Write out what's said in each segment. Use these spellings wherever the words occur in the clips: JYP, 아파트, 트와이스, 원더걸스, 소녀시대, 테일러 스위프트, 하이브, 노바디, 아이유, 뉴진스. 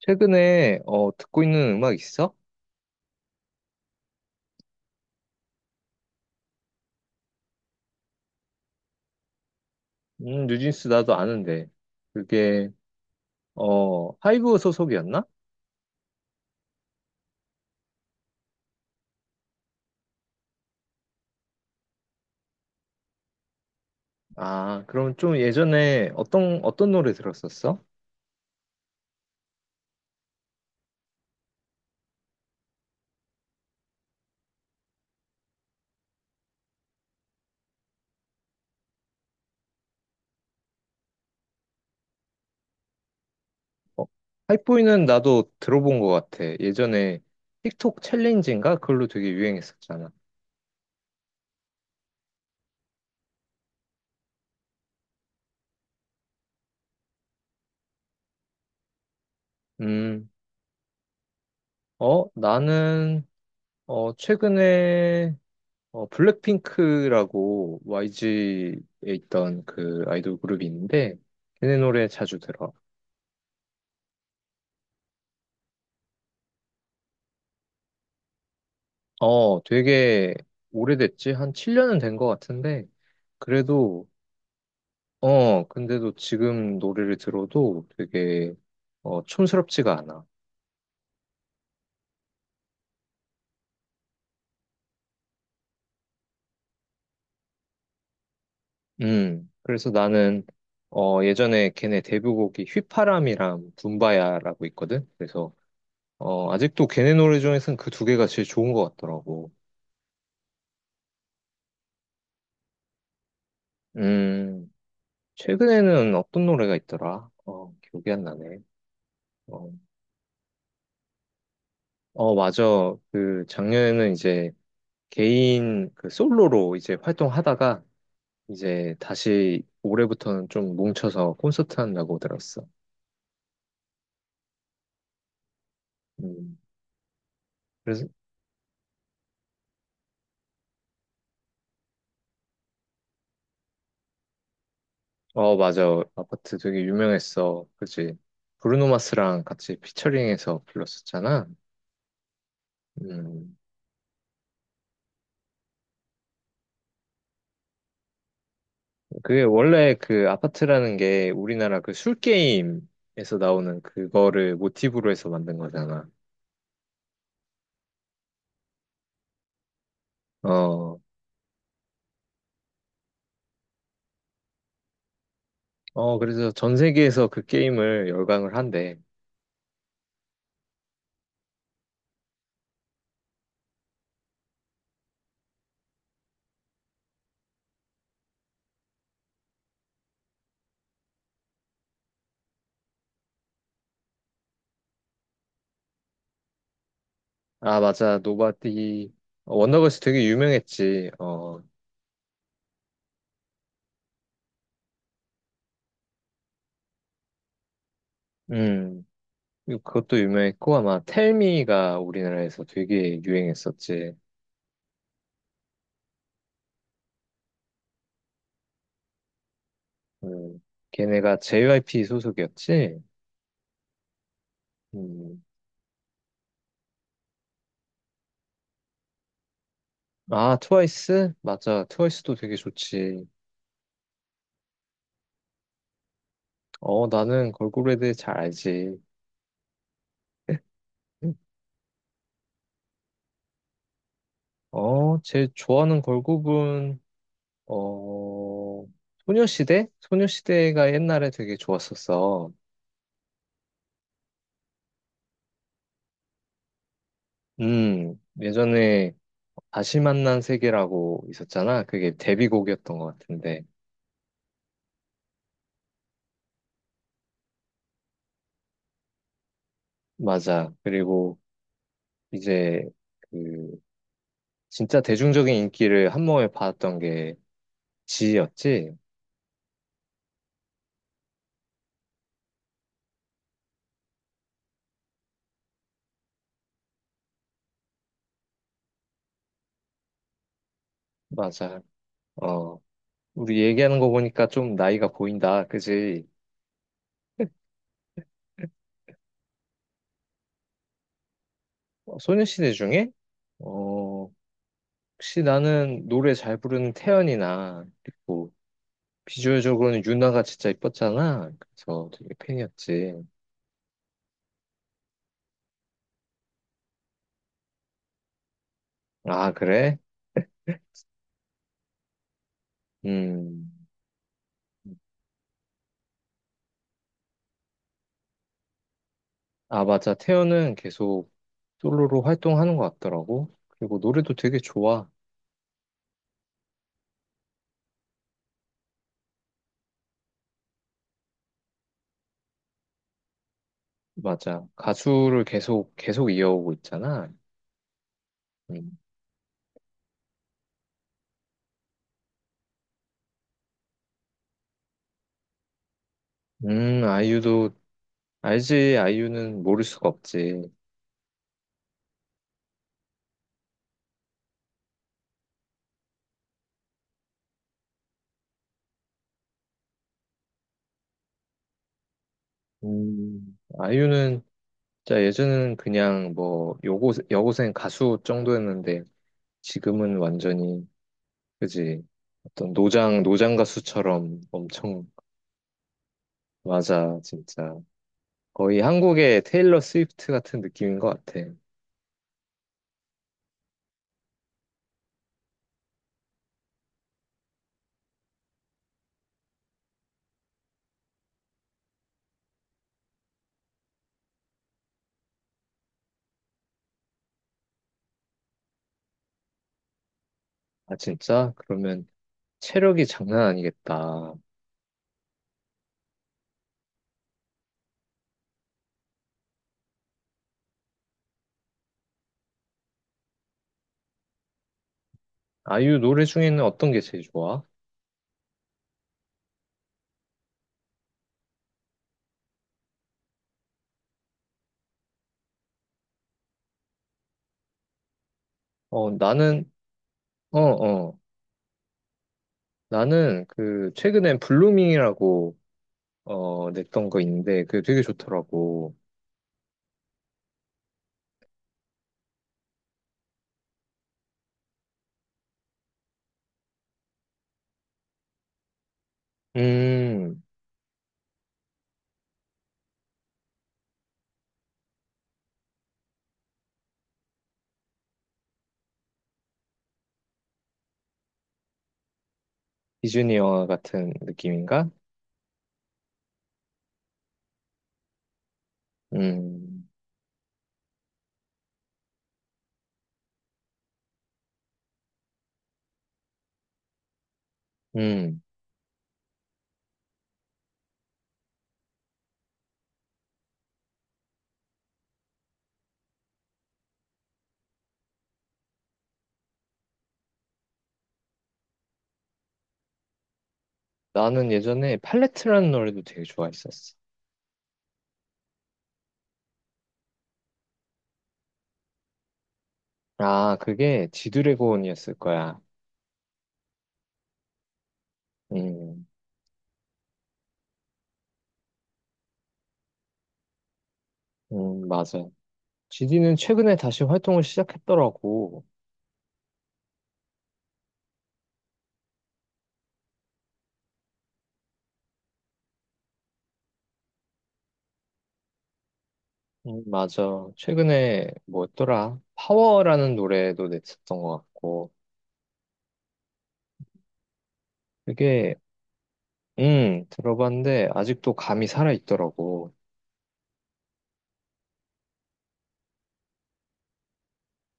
최근에 듣고 있는 음악 있어? 뉴진스 나도 아는데. 그게 하이브 소속이었나? 아, 그럼 좀 예전에 어떤 노래 들었었어? 어, 하이보이는 나도 들어본 것 같아. 예전에 틱톡 챌린지인가? 그걸로 되게 유행했었잖아. 음, 나는 최근에 블랙핑크라고 YG에 있던 그 아이돌 그룹이 있는데 걔네 노래 자주 들어. 되게 오래됐지? 한 7년은 된 것 같은데, 그래도, 근데도 지금 노래를 들어도 되게, 촌스럽지가 않아. 그래서 나는, 예전에 걔네 데뷔곡이 휘파람이랑 붐바야라고 있거든? 그래서, 아직도 걔네 노래 중에서는 그 두 개가 제일 좋은 것 같더라고. 음, 최근에는 어떤 노래가 있더라? 기억이 안 나네. 어, 맞아. 그, 작년에는 이제, 개인 그 솔로로 이제 활동하다가 이제 다시 올해부터는 좀 뭉쳐서 콘서트 한다고 들었어. 음. 그래서 맞아, 아파트 되게 유명했어. 그지? 브루노 마스랑 같이 피처링해서 불렀었잖아. 음. 그게 원래 그 아파트라는 게 우리나라 그 술 게임에서 나오는 그거를 모티브로 해서 만든 거잖아. 어. 그래서 전 세계에서 그 게임을 열광을 한대. 아, 맞아. 노바디. 원더걸스 되게 유명했지. 음. 그리고 그것도 유명했고, 아마 텔미가 우리나라에서 되게 유행했었지. 음. 걔네가 JYP 소속이었지. 음. 아, 트와이스? 맞아. 트와이스도 되게 좋지. 나는 걸그룹에 대해 잘 알지. 제일 좋아하는 걸그룹은, 어, 소녀시대? 소녀시대가 옛날에 되게 좋았었어. 예전에 다시 만난 세계라고 있었잖아. 그게 데뷔곡이었던 것 같은데. 맞아. 그리고 이제 그 진짜 대중적인 인기를 한 몸에 받았던 게 지였지. 맞아. 어, 우리 얘기하는 거 보니까 좀 나이가 보인다. 그지? 소녀시대 중에 어, 혹시 나는 노래 잘 부르는 태연이나 그리고 비주얼적으로는 윤아가 진짜 이뻤잖아. 그래서 되게 팬이었지. 아, 그래? 음. 아, 맞아. 태연은 계속 솔로로 활동하는 것 같더라고. 그리고 노래도 되게 좋아. 맞아. 가수를 계속, 계속 이어오고 있잖아. 음, 아이유도, 알지, 아이유는 모를 수가 없지. 아이유는, 진짜 예전에는 그냥 뭐, 여고생 가수 정도였는데, 지금은 완전히, 그지, 어떤 노장 가수처럼 엄청, 맞아, 진짜. 거의 한국의 테일러 스위프트 같은 느낌인 것 같아. 아, 진짜? 그러면, 체력이 장난 아니겠다. 아이유 노래 중에는 어떤 게 제일 좋아? 어, 나는, 어, 어. 나는 그, 최근엔 블루밍이라고, 냈던 거 있는데, 그게 되게 좋더라고. 음, 디즈니 영화 같은 느낌인가? 음, 음. 나는 예전에 팔레트라는 노래도 되게 좋아했었어. 아, 그게 지드래곤이었을 거야. 음, 맞아. 지디는 최근에 다시 활동을 시작했더라고. 맞아. 최근에 뭐였더라? 파워라는 노래도 냈었던 것 같고. 그게, 들어봤는데 아직도 감이 살아있더라고.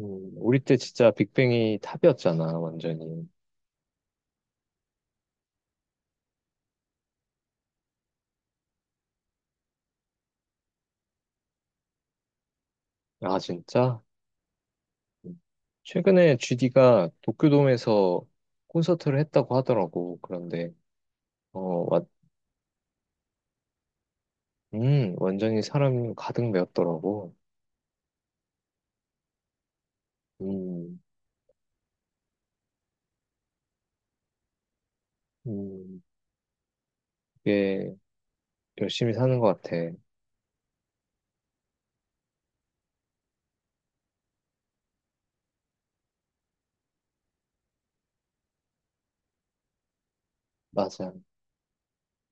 음, 우리 때 진짜 빅뱅이 탑이었잖아, 완전히. 아, 진짜? 음. 최근에 GD가 도쿄돔에서 콘서트를 했다고 하더라고. 그런데, 어, 와, 완전히 사람 가득 메웠더라고. 음, 음, 그게 열심히 사는 것 같아. 맞아.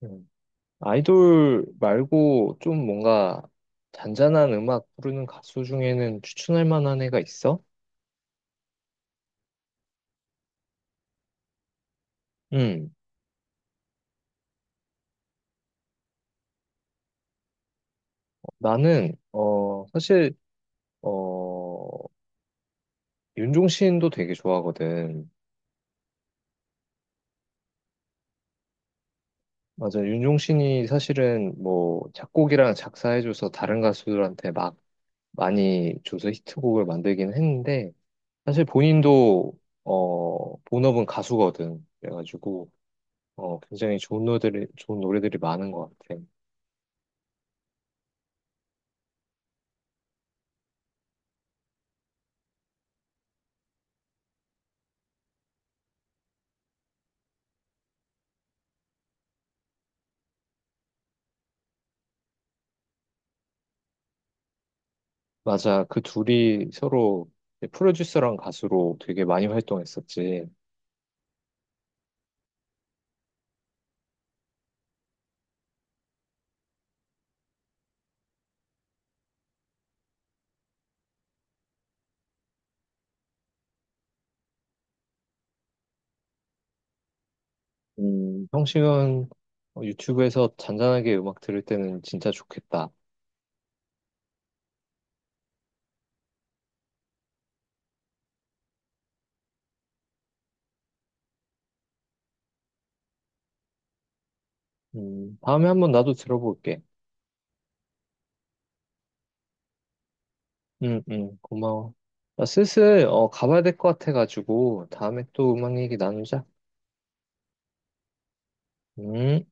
음. 아이돌 말고 좀 뭔가 잔잔한 음악 부르는 가수 중에는 추천할 만한 애가 있어? 음, 나는, 사실, 어, 윤종신도 되게 좋아하거든. 맞아, 윤종신이 사실은 뭐 작곡이랑 작사해줘서 다른 가수들한테 막 많이 줘서 히트곡을 만들긴 했는데, 사실 본인도, 본업은 가수거든. 그래가지고, 굉장히 좋은 노래들이 많은 것 같아. 맞아. 그 둘이 서로 이제 프로듀서랑 가수로 되게 많이 활동했었지. 형식은 유튜브에서 잔잔하게 음악 들을 때는 진짜 좋겠다. 다음에 한번 나도 들어볼게. 응, 응, 고마워. 나 슬슬 가봐야 될 것 같아가지고 다음에 또 음악 얘기 나누자. 음.